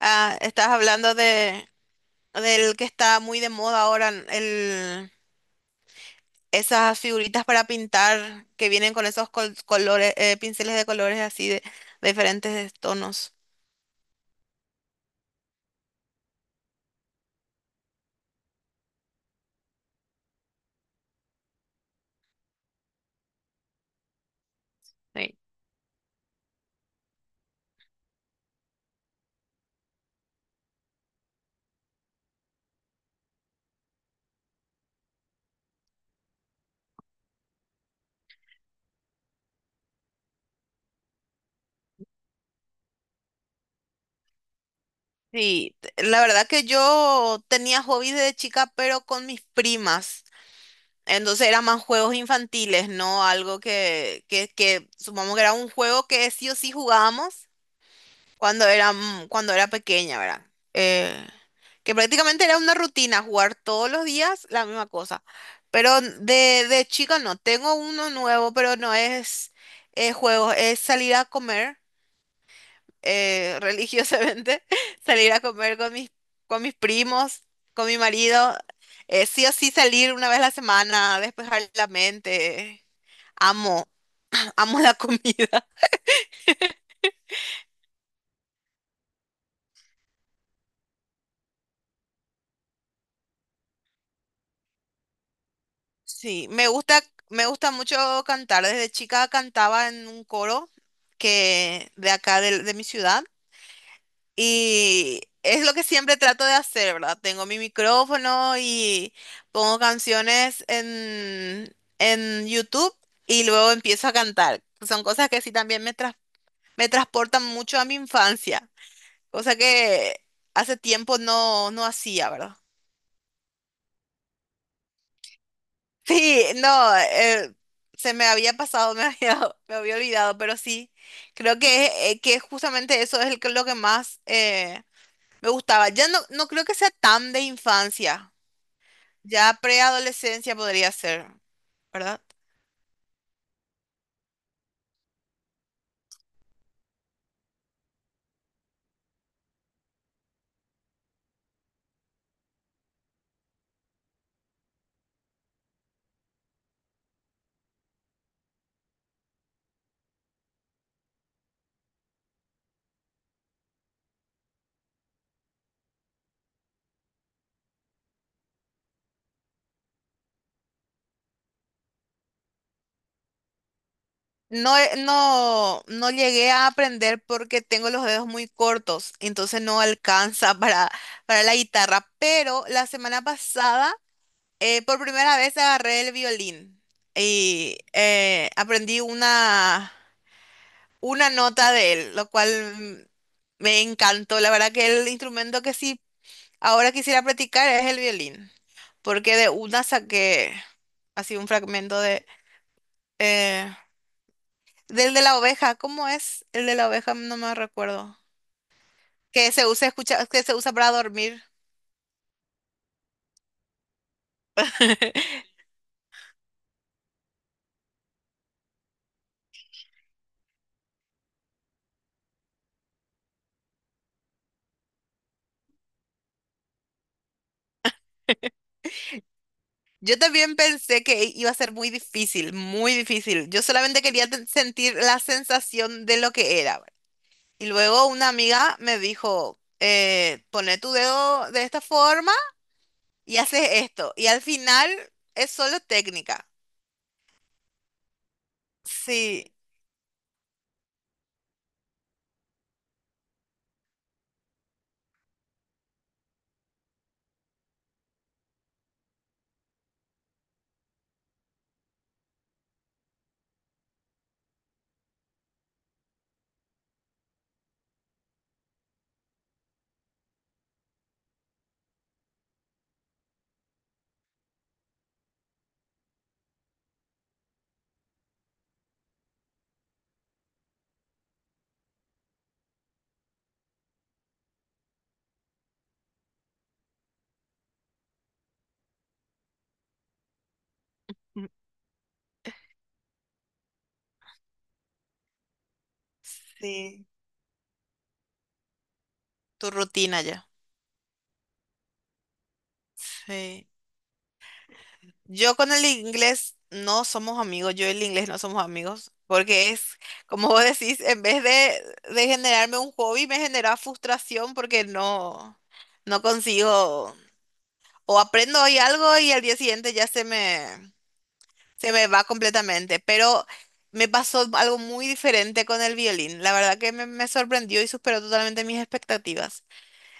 Ah, estás hablando de del que está muy de moda ahora, el, esas figuritas para pintar que vienen con esos colores, pinceles de colores así de diferentes tonos. Sí. Sí, la verdad que yo tenía hobbies de chica, pero con mis primas. Entonces eran más juegos infantiles, ¿no? Algo que supongamos que era un juego que sí o sí jugábamos cuando era, cuando era pequeña, ¿verdad? Eh, que prácticamente era una rutina jugar todos los días la misma cosa. Pero de chica no, tengo uno nuevo, pero no es juegos, es salir a comer religiosamente, salir a comer con mis primos, con mi marido, sí o sí salir una vez a la semana, despejar la mente. Amo, amo la comida. Sí, me gusta mucho cantar. Desde chica cantaba en un coro que de acá de, mi ciudad y es lo que siempre trato de hacer, ¿verdad? Tengo mi micrófono y pongo canciones en YouTube y luego empiezo a cantar. Son cosas que sí también me transportan mucho a mi infancia, cosa que hace tiempo no hacía, ¿verdad? Sí, no, se me había pasado, me había olvidado, pero sí, creo que justamente eso es lo que más me gustaba. Ya no, no creo que sea tan de infancia, ya preadolescencia podría ser, ¿verdad? No, no, no llegué a aprender porque tengo los dedos muy cortos, entonces no alcanza para la guitarra, pero la semana pasada... Por primera vez agarré el violín y aprendí una nota de él, lo cual me encantó. La verdad que el instrumento que sí ahora quisiera practicar es el violín, porque de una saqué así un fragmento de eh, del de la oveja. ¿Cómo es el de la oveja? No me recuerdo. Que se usa escucha, que se usa para dormir. Yo también pensé que iba a ser muy difícil, muy difícil. Yo solamente quería sentir la sensación de lo que era. Y luego una amiga me dijo, poné tu dedo de esta forma y haces esto. Y al final es solo técnica. Sí, mm, sí. Tu rutina ya. Sí. Yo con el inglés no somos amigos, yo y el inglés no somos amigos, porque es, como vos decís, en vez de generarme un hobby, me genera frustración porque no, no consigo, o aprendo hoy algo y al día siguiente ya se me va completamente. Pero me pasó algo muy diferente con el violín. La verdad que me sorprendió y superó totalmente mis expectativas.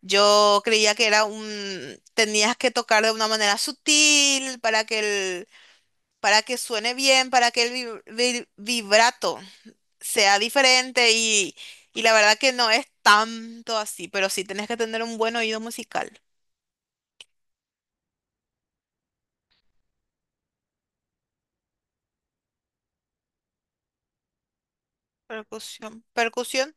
Yo creía que era un, tenías que tocar de una manera sutil para que el para que suene bien, para que el vibrato sea diferente y la verdad que no es tanto así, pero sí tenés que tener un buen oído musical. Percusión, percusión,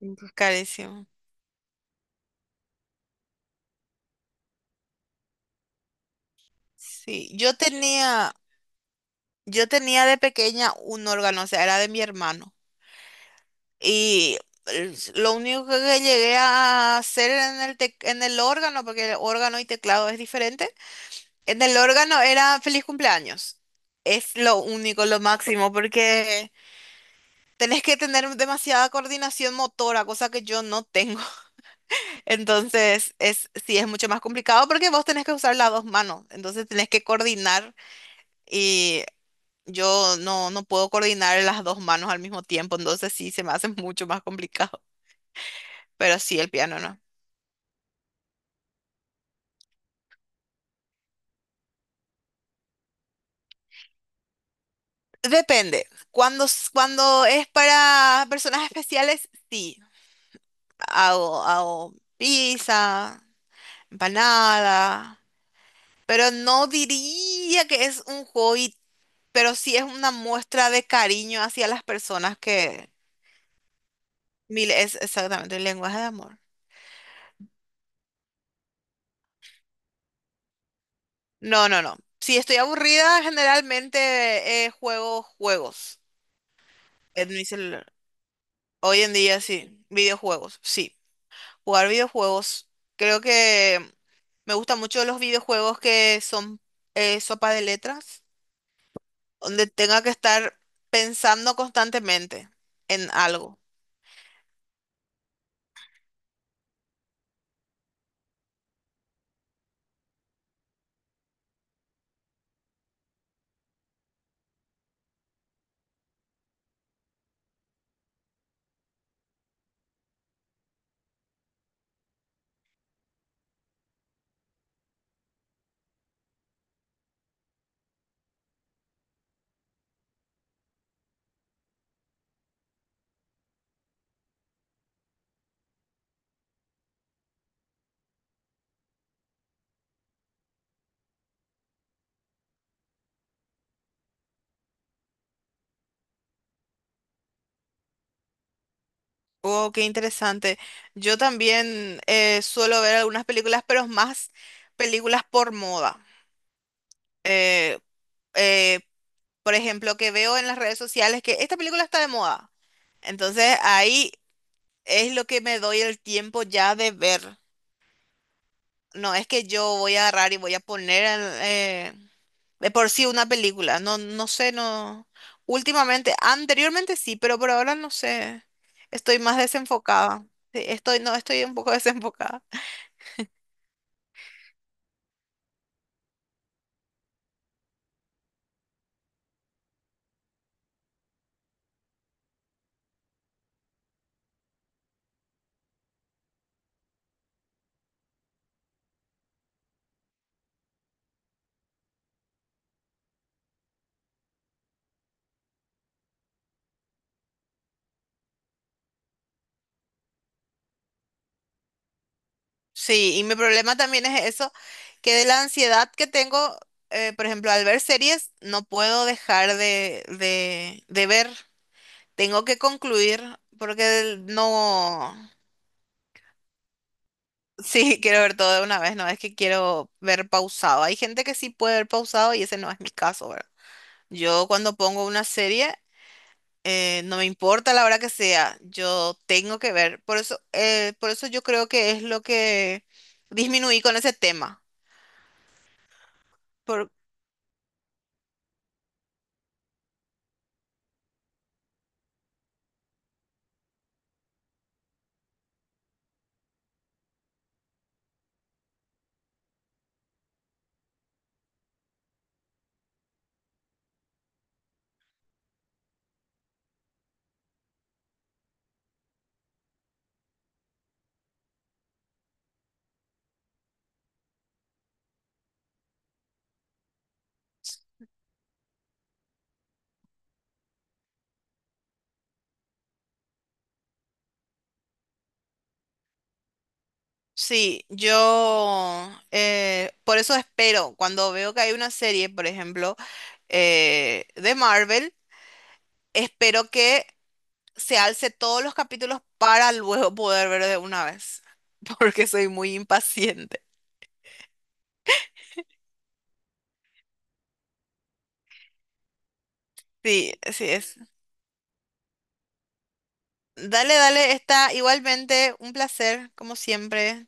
ujú. Carísimo. Sí, yo tenía de pequeña un órgano, o sea, era de mi hermano. Y lo único que llegué a hacer en en el órgano, porque el órgano y teclado es diferente, en el órgano era feliz cumpleaños. Es lo único, lo máximo, porque tenés que tener demasiada coordinación motora, cosa que yo no tengo. Entonces, es, sí, es mucho más complicado porque vos tenés que usar las dos manos. Entonces, tenés que coordinar y yo no, no puedo coordinar las dos manos al mismo tiempo. Entonces, sí, se me hace mucho más complicado. Pero sí, el piano no. Depende. Cuando, cuando es para personas especiales, sí. Hago, hago pizza, para nada. Pero no diría que es un hobby, pero sí es una muestra de cariño hacia las personas que... Mil es exactamente el lenguaje de amor. No, no, no. Si estoy aburrida, generalmente juego juegos en mi celular. Hoy en día sí, videojuegos, sí. Jugar videojuegos. Creo que me gustan mucho los videojuegos que son sopa de letras, donde tenga que estar pensando constantemente en algo. Oh, qué interesante. Yo también suelo ver algunas películas, pero más películas por moda. Eh, eh, por ejemplo, que veo en las redes sociales que esta película está de moda. Entonces ahí es lo que me doy el tiempo ya de ver. No es que yo voy a agarrar y voy a poner en, de por sí una película. No, no sé, no. Últimamente, anteriormente sí, pero por ahora no sé. Estoy más desenfocada. Sí, estoy, no, estoy un poco desenfocada. Sí, y mi problema también es eso, que de la ansiedad que tengo, por ejemplo, al ver series, no puedo dejar de ver. Tengo que concluir porque no... Sí, quiero ver todo de una vez, no es que quiero ver pausado. Hay gente que sí puede ver pausado y ese no es mi caso, ¿verdad? Yo cuando pongo una serie, no me importa la hora que sea, yo tengo que ver. Por eso yo creo que es lo que disminuí con ese tema. Sí, yo por eso espero, cuando veo que hay una serie, por ejemplo, de Marvel, espero que se alce todos los capítulos para luego poder ver de una vez, porque soy muy impaciente. Sí, así es. Dale, dale, está igualmente un placer, como siempre.